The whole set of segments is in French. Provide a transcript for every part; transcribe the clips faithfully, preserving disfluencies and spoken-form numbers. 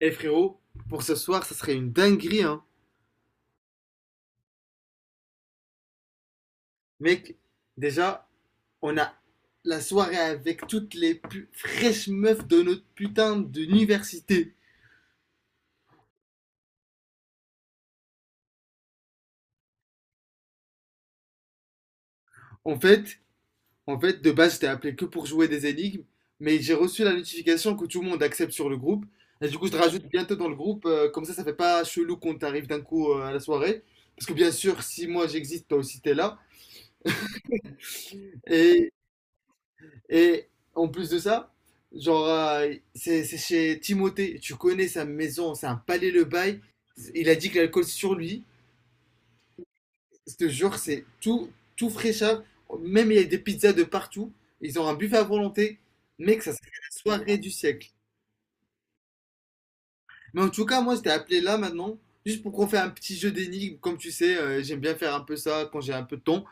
Eh frérot, pour ce soir, ça serait une dinguerie, hein. Mec, déjà, on a la soirée avec toutes les plus fraîches meufs de notre putain d'université. En fait, en fait, de base, j'étais appelé que pour jouer des énigmes, mais j'ai reçu la notification que tout le monde accepte sur le groupe. Et du coup, je te rajoute bientôt dans le groupe, euh, comme ça, ça fait pas chelou qu'on t'arrive d'un coup euh, à la soirée. Parce que bien sûr, si moi j'existe, toi aussi t'es là. Et Et en plus de ça, genre, euh, c'est c'est chez Timothée. Tu connais sa maison, c'est un palais le bail. Il a dit que l'alcool sur lui. Je te jure, c'est tout, tout fraîcheur. Même il y a des pizzas de partout. Ils ont un buffet à volonté. Mec, ça serait la soirée du siècle. Mais en tout cas, moi, je t'ai appelé là maintenant, juste pour qu'on fasse un petit jeu d'énigmes. Comme tu sais, euh, j'aime bien faire un peu ça quand j'ai un peu de temps.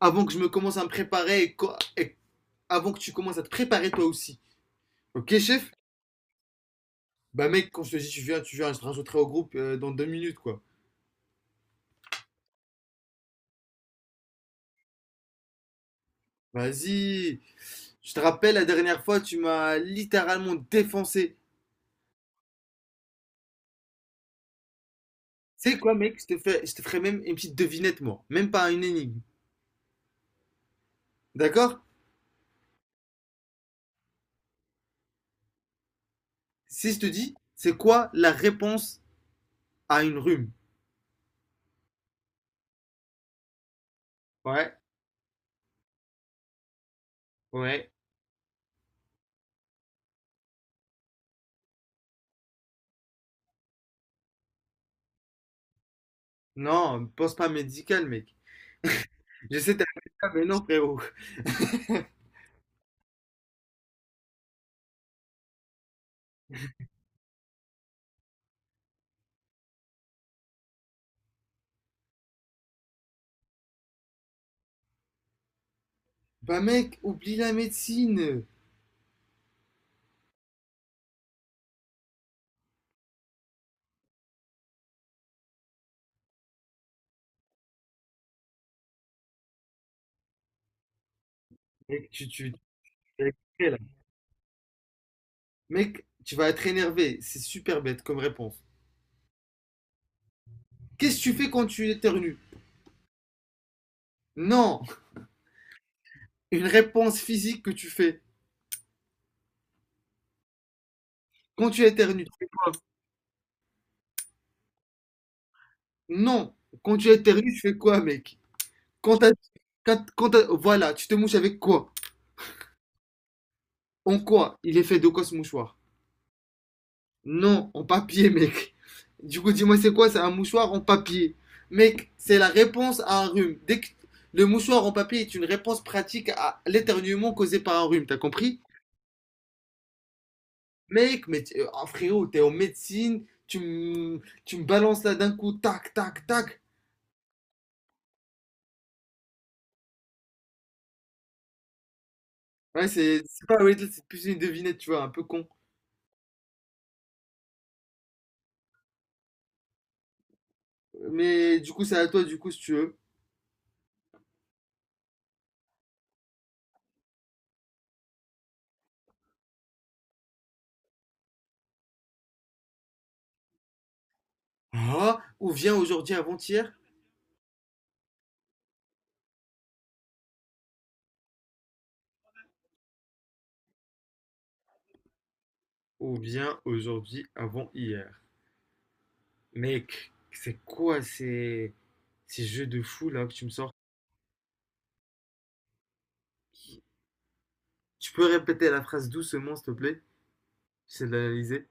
Avant que je me commence à me préparer et, co- et avant que tu commences à te préparer toi aussi. Ok, chef? Bah mec, quand je te dis tu viens, tu viens, je te rajouterai au groupe euh, dans deux minutes quoi. Vas-y. Je te rappelle, la dernière fois, tu m'as littéralement défoncé. Tu sais quoi mec, je te fais, je te ferai même une petite devinette moi, même pas une énigme. D'accord? Si je te dis, c'est quoi la réponse à une rhume? Ouais, ouais. Non, pense pas médical mec. J'essaie de t'arrêter là, mais non frérot. Bah mec, oublie la médecine. Mec, tu, tu, tu vas être prêt, là. Mec, tu vas être énervé. C'est super bête comme réponse. Qu'est-ce que tu fais quand tu éternues? Non. Une réponse physique que tu fais. Quand tu éternues, tu fais quoi? Non. Quand tu éternues, tu fais quoi, mec? Quand t'as- quand, quand t'as- Voilà, tu te mouches avec quoi? En quoi? Il est fait de quoi ce mouchoir? Non, en papier, mec. Du coup, dis-moi, c'est quoi? C'est un mouchoir en papier. Mec, c'est la réponse à un rhume. Dès que- Le mouchoir en papier est une réponse pratique à l'éternuement causé par un rhume, t'as compris? Mec, mais t'es- ah, frérot, t'es en médecine, tu me tu me balances là d'un coup, tac, tac, tac. Ouais, c'est c'est pas Riddle, c'est plus une devinette, tu vois, un peu con. Mais du coup, c'est à toi, du coup, si tu veux. Ah, ou bien aujourd'hui avant-hier, ou bien aujourd'hui avant-hier. Mec, c'est quoi ces, ces jeux de fou là que tu me sors? Tu peux répéter la phrase doucement, s'il te plaît? J'essaie de l'analyser.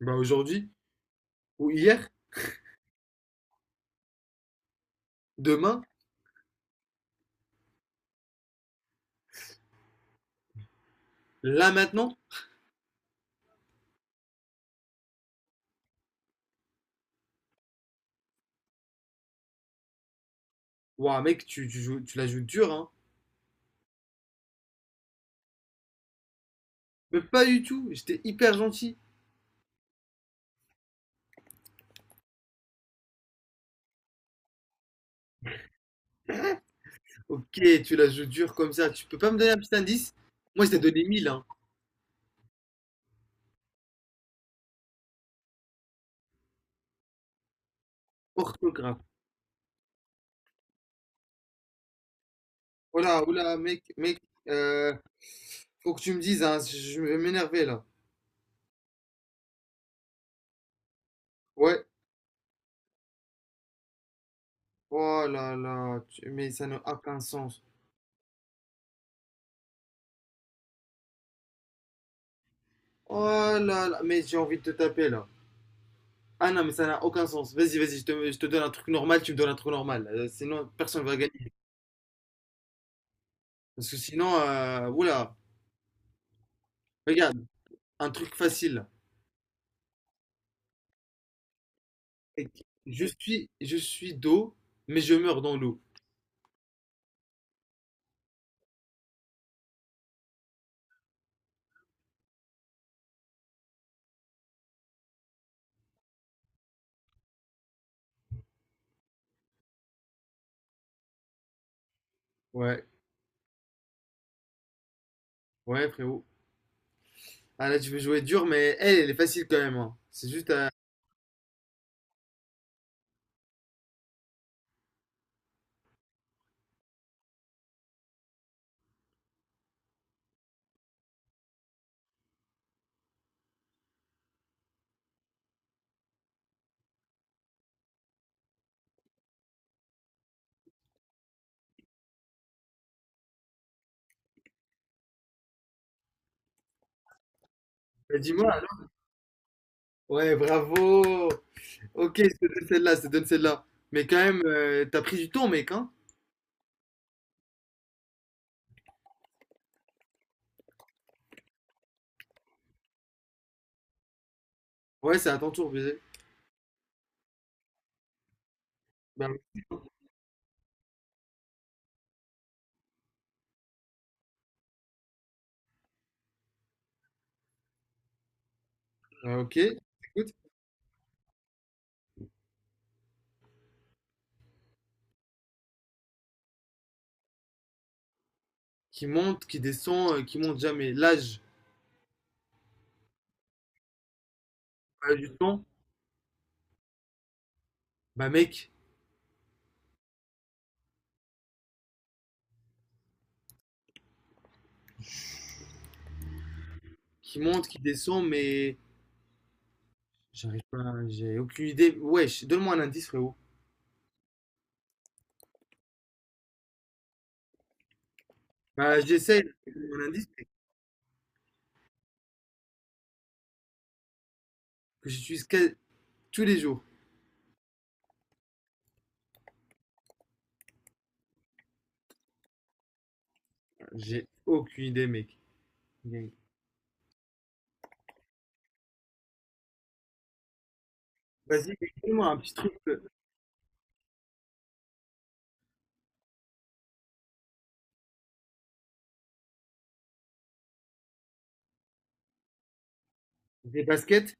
Bah aujourd'hui, ou hier, demain, là maintenant? Ouah, mec, tu, tu joues- tu la joues dur, hein. Mais pas du tout, j'étais hyper gentil. Ok, tu la joues dur comme ça, tu peux pas me donner un petit indice? Moi, je t'ai donné mille hein. Orthographe. Voilà, oula, mec, mec, euh, faut que tu me dises, hein, je vais m'énerver là. Ouais, oh là là, tu- mais ça n'a aucun sens. Oh là là, mais j'ai envie de te taper là. Ah non, mais ça n'a aucun sens. Vas-y, vas-y, je te, je te donne un truc normal, tu me donnes un truc normal. Euh, sinon, personne va gagner. Parce que sinon, euh, oula, regarde, un truc facile. Et Je suis, je suis d'eau, mais je meurs dans l'eau. Ouais, ouais, frérot. Ah là, tu veux jouer dur, mais elle, elle est facile quand même, hein. C'est juste à... Bah, dis-moi alors. Ouais, bravo. Ok, je te donne celle-là, je te donne celle-là. Mais quand même, euh, t'as pris du temps, mec, hein? Ouais, c'est à ton tour, baiser. Bah, oui. euh, ok, écoute. Qui monte, qui descend, euh, qui monte jamais. L'âge, pas du temps. Bah, mec, qui monte, qui descend, mais j'arrive pas, j'ai aucune idée. Wesh, donne-moi un indice, frérot. Bah, j'essaie. Donne-moi un indice. que j'utilise quasi- Tous les jours. J'ai aucune idée, mec. Gang. Vas-y, moi un petit truc. euh, Des baskets?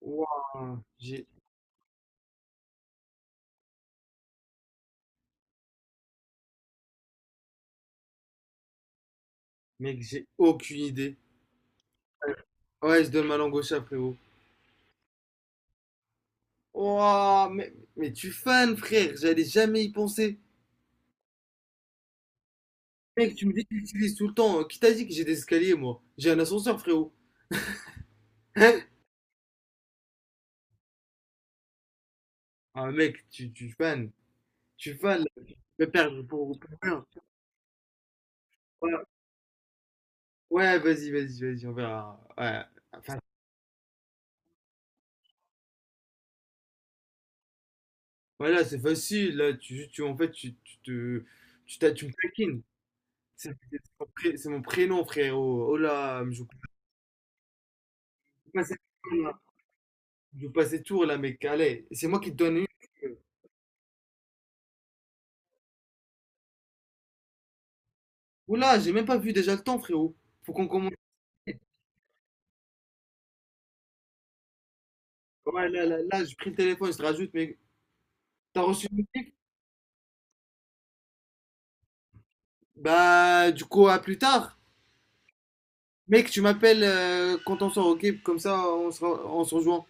Ouah, j'ai... Mec, j'ai aucune idée. Ouais, je donne ma langue au chat, frérot. Ouah, mais, mais tu fan, frère. J'allais jamais y penser. Mec, tu me dis que tu l'utilises tout le temps. Euh, Qui t'a dit que j'ai des escaliers, moi? J'ai un ascenseur, frérot. Hein? Ah, mec, tu, tu fan. Tu fan là. Tu peux perdre pour, pour rien. Ouais, ouais, vas-y, vas-y, vas-y, on verra. Ouais. Enfin, voilà, c'est facile, là, tu, tu, en fait, tu, tu te, tu, t'as- tu me taquines. C'est c'est mon pré- c'est mon prénom, frérot. Oh là, je joue pas ces tours, là. Je joue pas ces tours, là, mec, allez. C'est moi qui te donne une. Oh là, j'ai même pas vu déjà le temps, frérot. Faut qu'on commence. Ouais, là, là, là, j'ai pris le téléphone, je te rajoute, mec. T'as reçu? Bah, du coup, à plus tard. Mec, tu m'appelles euh, quand on sort, ok? Comme ça, on se, re- on se rejoint.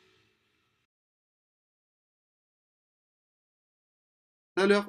Tout à l'heure.